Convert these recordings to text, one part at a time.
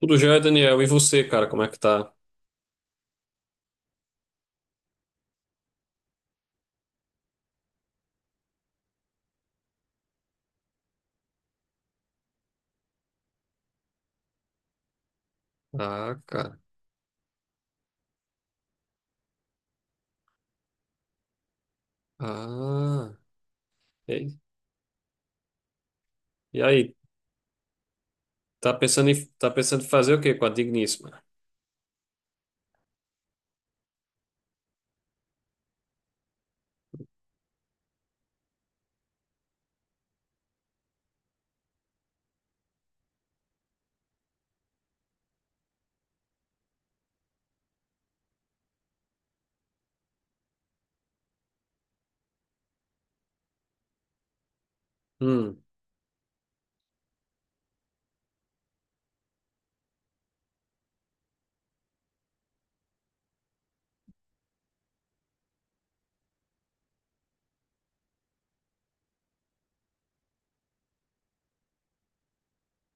Tudo já é, Daniel. E você, cara, como é que tá? Ah, cara. Ah. E, e aí? Tá pensando em fazer o quê com a digníssima? Hum.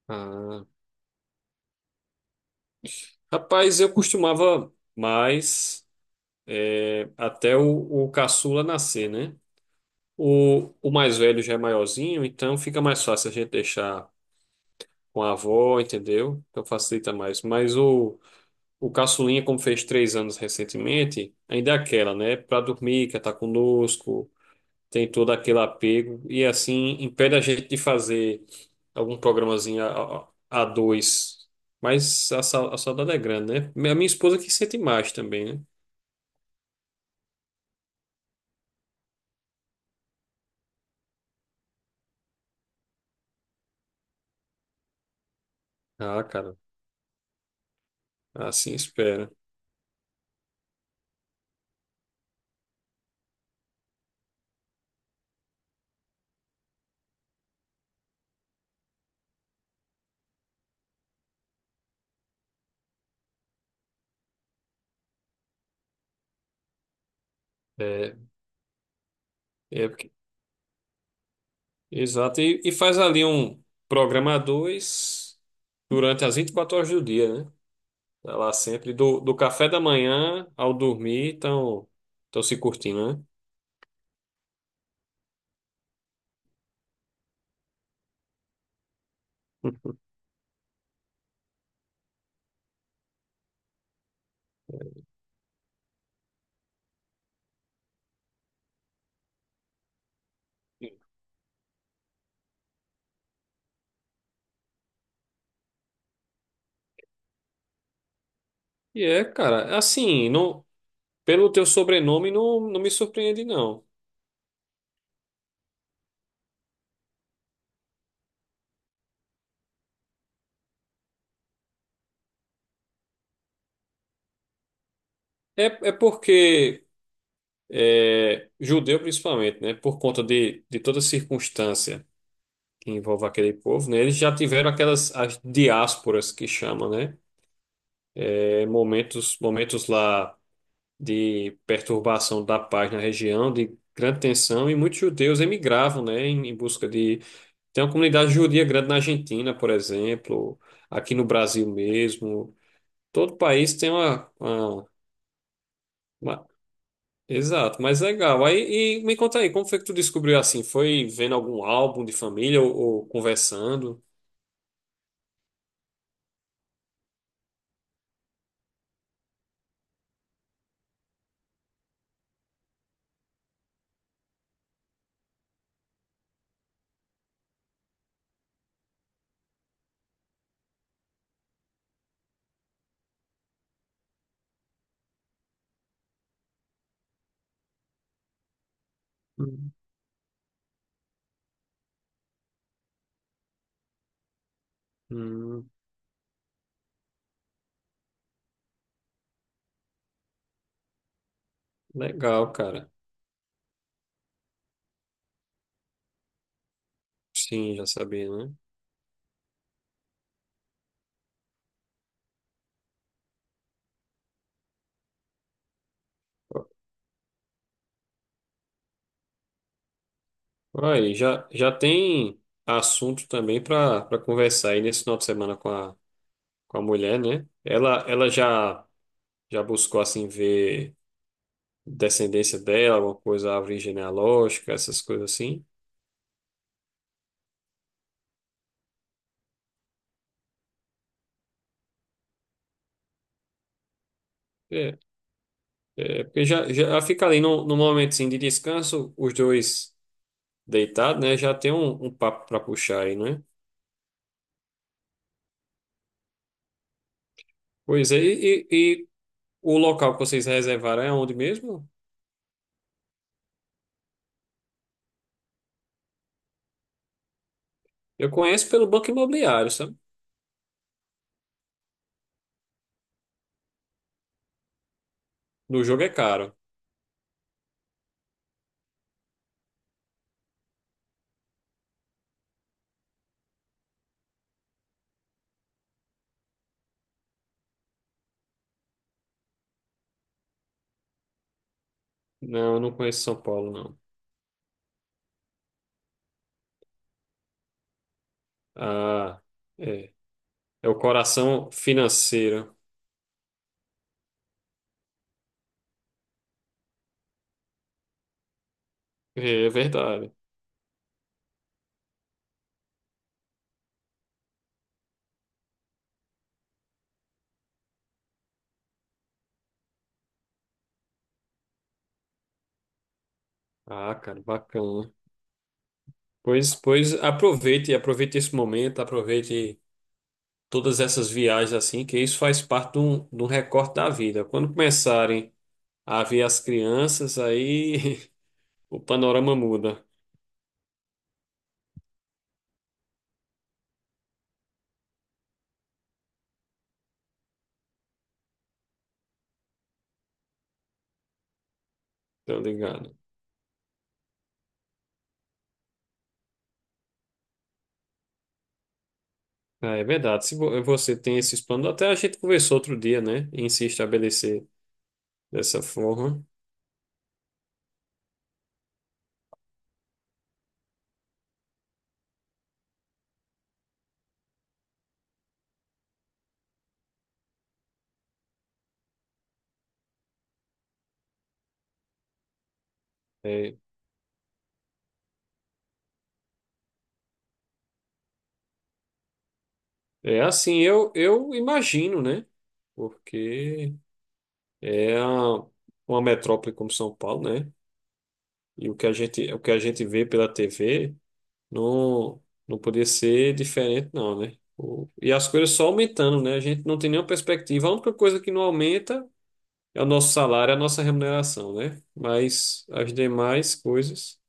Ah. Rapaz, eu costumava mais é, até o caçula nascer, né? O mais velho já é maiorzinho, então fica mais fácil a gente deixar com a avó, entendeu? Então facilita mais. Mas o caçulinha, como fez três anos recentemente, ainda é aquela, né? Pra dormir, quer estar conosco. Tem todo aquele apego e assim impede a gente de fazer algum programazinho a, a dois. Mas a, a saudade é grande, né? A minha esposa que sente mais também, né? Ah, cara, assim espera. É, é porque- exato. E faz ali um programa a dois durante as 24 horas do dia, né? Tá lá sempre, do, do café da manhã ao dormir, estão se curtindo, né? E é, cara, assim, não. Pelo teu sobrenome, não, não me surpreende, não. É, é porque é, judeu, principalmente, né? Por conta de toda circunstância que envolve aquele povo, né? Eles já tiveram aquelas as diásporas que chamam, né? É, momentos, momentos lá de perturbação da paz na região, de grande tensão, e muitos judeus emigravam, né? Em, em busca de. Tem uma comunidade judia grande na Argentina, por exemplo, aqui no Brasil mesmo. Todo país tem uma... Exato, mas legal. Aí, e me conta aí, como foi que tu descobriu assim? Foi vendo algum álbum de família ou conversando? Hum, hum, legal, cara. Sim, já sabia, né? Aí, já, já tem assunto também para para conversar aí nesse final de semana com a mulher, né? Ela já, já buscou assim ver descendência dela, alguma coisa, árvore genealógica, essas coisas assim. É, é porque já, já fica ali num, num momento assim, de descanso, os dois. Deitado, né? Já tem um, um papo para puxar aí, né? Pois é, e o local que vocês reservaram é onde mesmo? Eu conheço pelo Banco Imobiliário, sabe? No jogo é caro. Não, eu não conheço São Paulo, não. Ah, é. É o coração financeiro. É é verdade. Ah, cara, bacana. Pois, pois aproveite, aproveite esse momento, aproveite todas essas viagens assim, que isso faz parte de um recorte da vida. Quando começarem a ver as crianças, aí o panorama muda, tá ligado? Ah, é verdade. Se você tem esses planos, até a gente conversou outro dia, né? Em se estabelecer dessa forma. É, é assim, eu imagino, né? Porque é uma metrópole como São Paulo, né? E o que a gente, o que a gente vê pela TV não, não podia ser diferente, não, né? E as coisas só aumentando, né? A gente não tem nenhuma perspectiva. A única coisa que não aumenta é o nosso salário, é a nossa remuneração, né? Mas as demais coisas,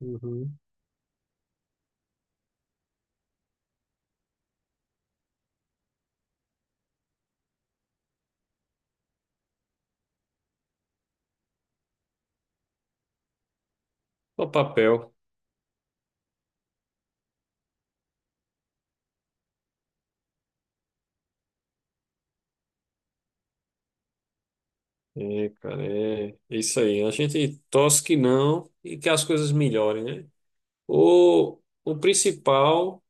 uhum. Só papel. É, cara, é é isso aí. A gente torce que não e que as coisas melhorem, né? O principal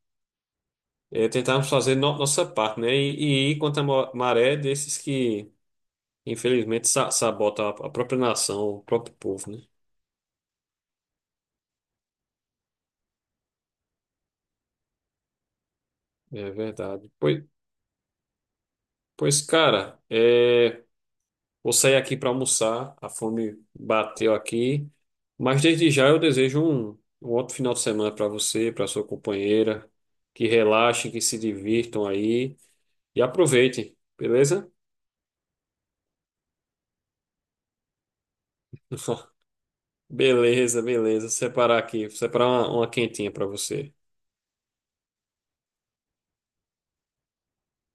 é tentarmos fazer nossa parte, né? E ir contra a maré desses que, infelizmente, sabotam a própria nação, o próprio povo, né? É verdade. Pois, pois cara, é. Vou sair aqui para almoçar, a fome bateu aqui. Mas desde já eu desejo um, um ótimo final de semana para você, para sua companheira. Que relaxem, que se divirtam aí e aproveitem, beleza? Beleza, beleza. Separar aqui, separar uma quentinha para você.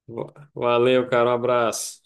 Valeu, cara, um abraço.